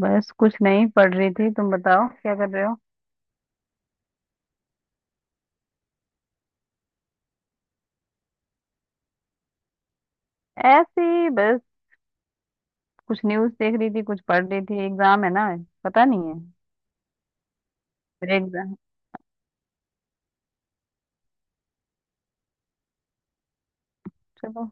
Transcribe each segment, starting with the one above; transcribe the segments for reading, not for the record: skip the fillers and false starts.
बस कुछ नहीं पढ़ रही थी। तुम बताओ क्या कर रहे हो? ऐसे ही बस। कुछ न्यूज़ देख रही थी, कुछ पढ़ रही थी। एग्जाम है ना। पता नहीं है। मेरे एग्जाम। चलो।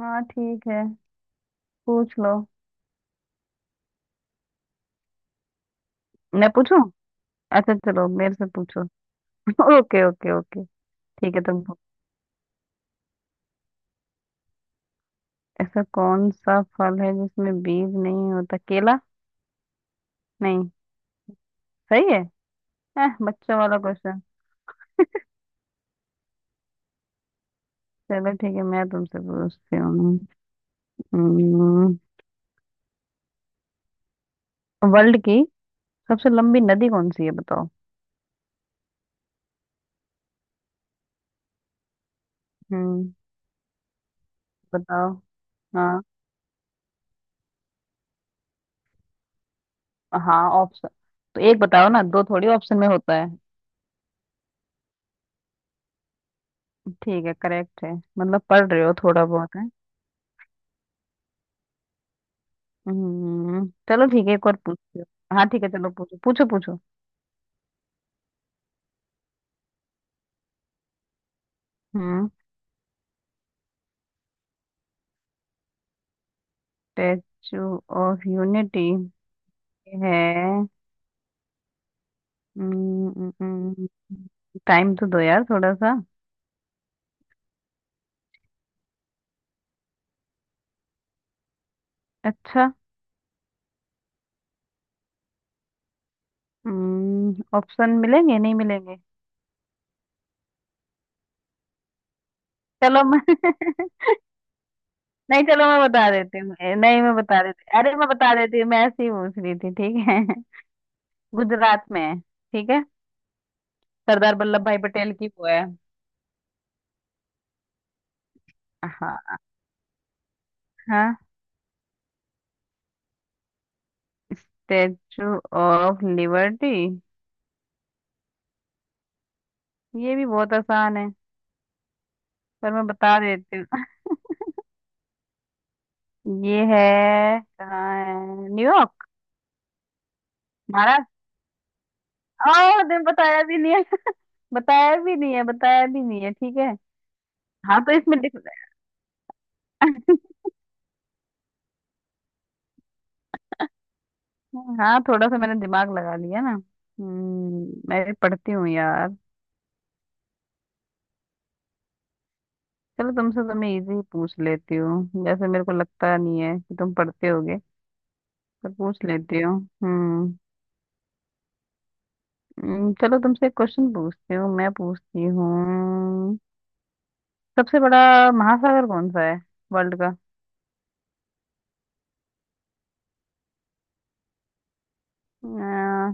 हाँ ठीक है, पूछ लो। मैं पूछूं? अच्छा चलो, मेरे से पूछो। Okay okay okay. ठीक है। ऐसा कौन सा फल है जिसमें बीज नहीं होता? केला। नहीं, सही है। बच्चों वाला क्वेश्चन। चलो ठीक है, मैं तुमसे पूछती हूँ। हम्म, वर्ल्ड की सबसे लंबी नदी कौन सी है बताओ। हम्म। बताओ। हाँ हाँ, ऑप्शन तो एक बताओ ना, दो थोड़ी ऑप्शन में होता है। ठीक है, करेक्ट है। मतलब पढ़ रहे हो थोड़ा बहुत है। हम्म, चलो ठीक है, एक और पूछती हूँ। हाँ ठीक है, चलो पूछो पूछो पूछो। हम्म, स्टेचू ऑफ यूनिटी है। टाइम तो दो यार थोड़ा सा। अच्छा। ऑप्शन मिलेंगे नहीं मिलेंगे? चलो मैं नहीं चलो मैं बता देती हूँ। नहीं मैं बता देती, अरे मैं बता देती हूँ। मैं ऐसे ही पूछ रही थी ठीक है। गुजरात में है ठीक है। सरदार वल्लभ भाई पटेल की वो है। हाँ। हाँ, स्टेचू ऑफ लिबर्टी। ये भी बहुत आसान है। पर मैं बता देती हूँ ये है, कहाँ है? न्यूयॉर्क। महाराष्ट्र। ओ, तुमने बताया भी नहीं है बताया भी नहीं है, बताया भी नहीं है ठीक है। हाँ तो इसमें हाँ थोड़ा सा मैंने दिमाग लगा लिया ना। हम्म, मैं भी पढ़ती हूँ यार। चलो तुमसे तो मैं इजी पूछ लेती हूँ, जैसे मेरे को लगता नहीं है कि तुम पढ़ते हो तो पूछ लेती हो। हम्म। चलो तुमसे एक क्वेश्चन पूछती हूँ, मैं पूछती हूँ। सबसे बड़ा महासागर कौन सा है, वर्ल्ड का? अ,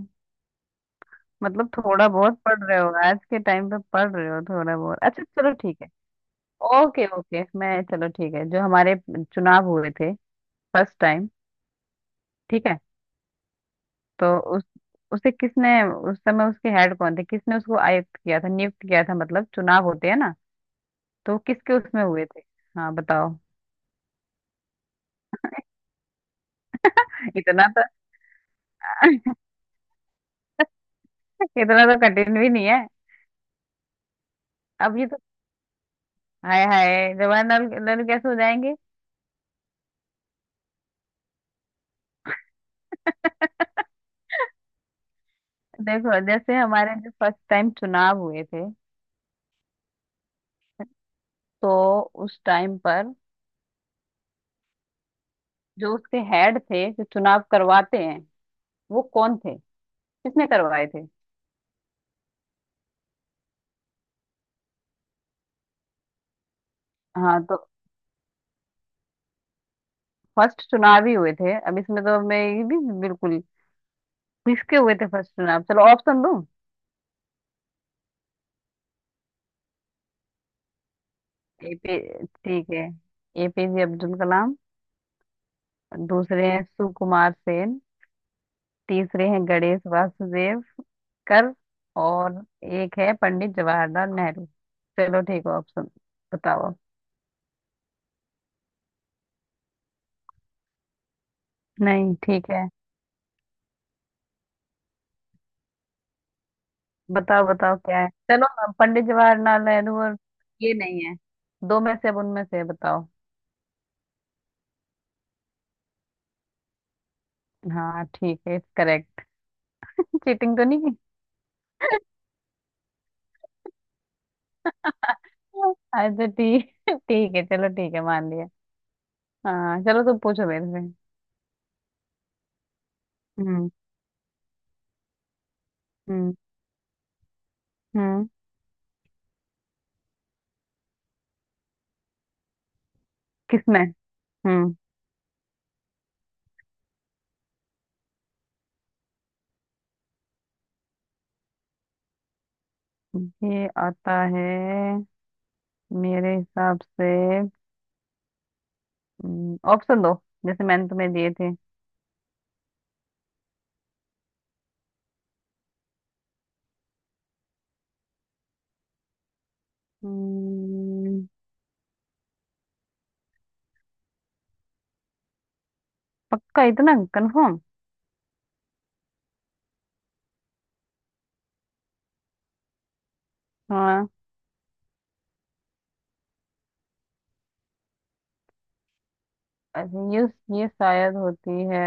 मतलब थोड़ा बहुत पढ़ रहे हो, आज के टाइम पे पढ़ रहे हो थोड़ा बहुत। अच्छा चलो ठीक है। ओके ओके मैं, चलो ठीक है, जो हमारे चुनाव हुए थे फर्स्ट टाइम, ठीक है? तो उस, उसे किसने, उस समय उसके हेड कौन थे, किसने उसको आयुक्त किया था, नियुक्त किया था, मतलब चुनाव होते हैं ना, तो किसके उसमें हुए थे? हाँ बताओ। इतना, इतना तो कठिन भी नहीं है। अभी तो हाय हाय, जवाहरलाल नेहरू कैसे हो जाएंगे। देखो जैसे हमारे जो फर्स्ट टाइम चुनाव हुए थे, तो उस टाइम पर जो उसके हेड थे, जो चुनाव करवाते हैं, वो कौन थे, किसने करवाए थे? हाँ तो फर्स्ट चुनाव ही हुए थे। अब इसमें तो मैं ये भी बिल्कुल, किसके हुए थे फर्स्ट चुनाव, चलो ऑप्शन दूं। एपी, ठीक है, एपीजे अब्दुल कलाम। दूसरे हैं सुकुमार सेन। तीसरे हैं गणेश वासुदेव कर। और एक है पंडित जवाहरलाल नेहरू। चलो ठीक है ऑप्शन बताओ। नहीं ठीक है, बताओ बताओ क्या है, चलो अब पंडित जवाहरलाल नेहरू और ये नहीं है, दो में से अब उनमें से बताओ। हाँ ठीक है, करेक्ट। चीटिंग तो नहीं की? अच्छा ठीक, ठीक है चलो, ठीक है मान लिया। हाँ चलो, तुम पूछो मेरे से। हम्म। हम्म। हम्म, किसमें? हम्म, ये आता है मेरे हिसाब से। ऑप्शन दो जैसे मैंने तुम्हें दिए थे। हम्म, पक्का इतना कंफर्म? हाँ। अच्छा, ये शायद होती है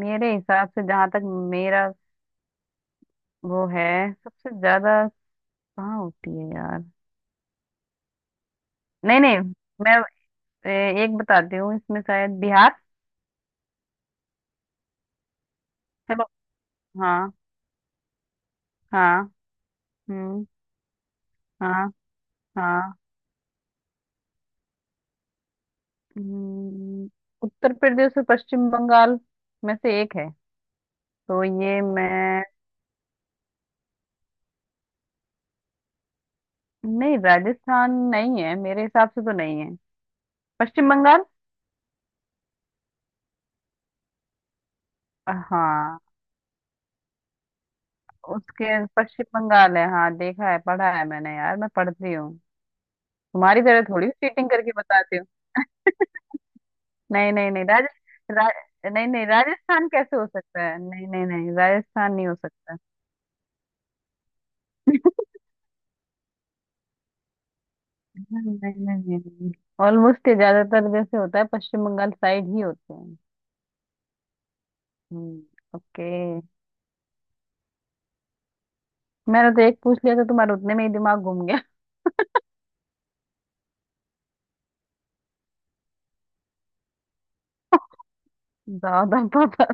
मेरे हिसाब से, जहां तक मेरा वो है, सबसे ज्यादा कहाँ होती है यार? नहीं नहीं, मैं, एक बताती हूँ, इसमें शायद बिहार। चलो। हाँ। हाँ। हम्म। हाँ हाँ। हम्म, उत्तर प्रदेश और पश्चिम बंगाल में से एक है, तो ये मैं, नहीं राजस्थान नहीं है मेरे हिसाब से तो नहीं है, पश्चिम बंगाल। हाँ उसके पश्चिम बंगाल है, हाँ देखा है, पढ़ा है मैंने यार, मैं पढ़ती हूँ तुम्हारी तरह थोड़ी चीटिंग करके बताती हूँ। नहीं नहीं नहीं, रा, नहीं नहीं राजस्थान कैसे हो सकता है, नहीं नहीं नहीं राजस्थान नहीं हो सकता। नहीं नहीं नहीं, ऑलमोस्ट ये ज्यादातर जैसे होता है पश्चिम बंगाल साइड ही होते हैं। हम्म। ओके। मैंने तो एक पूछ लिया था, तुम्हारे उतने में ही दिमाग घूम गया। ज्यादा पता।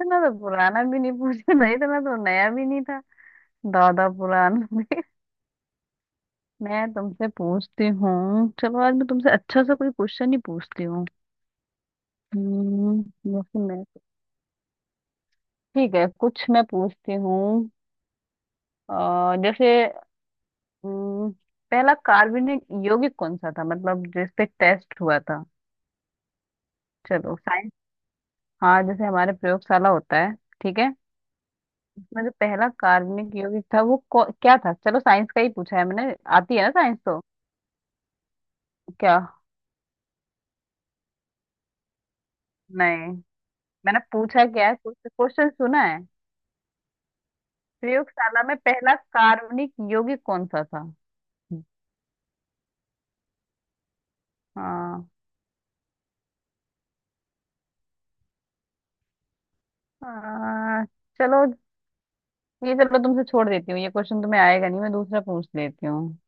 इतना तो पुराना भी नहीं पूछा था, इतना तो नया भी नहीं था। दादा पुराना भी। मैं तुमसे पूछती हूँ, चलो आज मैं तुमसे अच्छा सा कोई क्वेश्चन ही पूछती हूँ। हम्म, जैसे मैं, ठीक है कुछ मैं पूछती हूँ। जैसे, हम्म, पहला कार्बनिक यौगिक कौन सा था, मतलब जिस पे टेस्ट हुआ था। चलो साइंस। हाँ जैसे हमारे प्रयोगशाला होता है, ठीक है, उसमें जो पहला कार्बनिक यौगिक था वो क्या था। चलो साइंस का ही पूछा है मैंने, आती है ना साइंस तो। क्या? नहीं मैंने पूछा क्या है, कुछ क्वेश्चन सुना है? प्रयोगशाला में पहला कार्बनिक यौगिक कौन सा था? हाँ। आ, चलो, ये चलो तुमसे छोड़ देती हूँ, ये क्वेश्चन तुम्हें आएगा नहीं, मैं दूसरा पूछ लेती हूँ।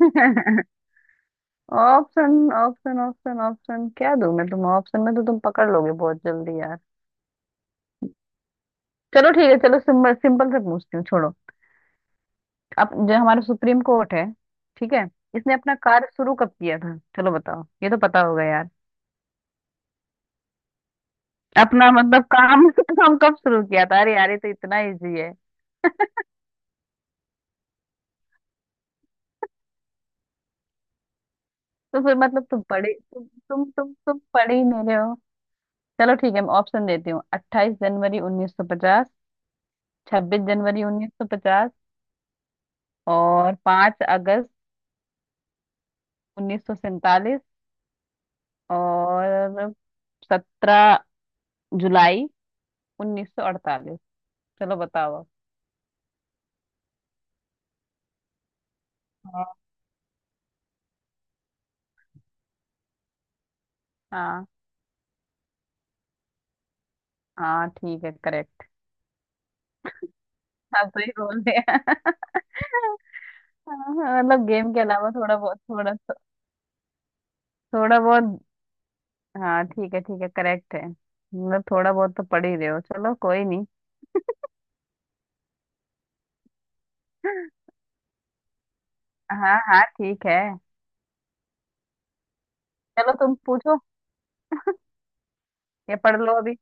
ऑप्शन ऑप्शन ऑप्शन ऑप्शन क्या दूँ मैं, तुम ऑप्शन में तो तुम पकड़ लोगे बहुत जल्दी यार। चलो ठीक है, चलो सिंपल सिंपल से पूछती हूँ, छोड़ो। अब जो हमारा सुप्रीम कोर्ट है, ठीक है, इसने अपना कार्य शुरू कब किया था? चलो बताओ ये तो पता होगा। अपना मतलब काम काम कब शुरू किया था? अरे यार ये तो इतना इजी है। तो फिर मतलब तुम पढ़े, तुम पढ़ ही नहीं रहे हो। चलो ठीक है मैं ऑप्शन देती हूँ। 28 जनवरी 1950, 26 जनवरी 1950, और 5 अगस्त 1947, और 17 जुलाई 1948। चलो बताओ अब। हाँ हाँ हाँ ठीक है करेक्ट, आप सही बोल रहे हैं हाँ, मतलब गेम के अलावा थोड़ा बहुत, थोड़ा, थोड़ा बहुत। हाँ ठीक है, ठीक है करेक्ट है, मतलब थोड़ा बहुत तो पढ़ ही रहे हो, चलो कोई नहीं। हाँ हाँ ठीक है। चलो तुम पूछो, या पढ़ लो अभी।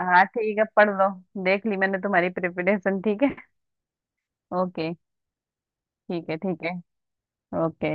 हाँ ठीक है, पढ़ लो। देख ली मैंने तुम्हारी प्रिपरेशन, ठीक है। ओके। ठीक है ठीक है। ओके।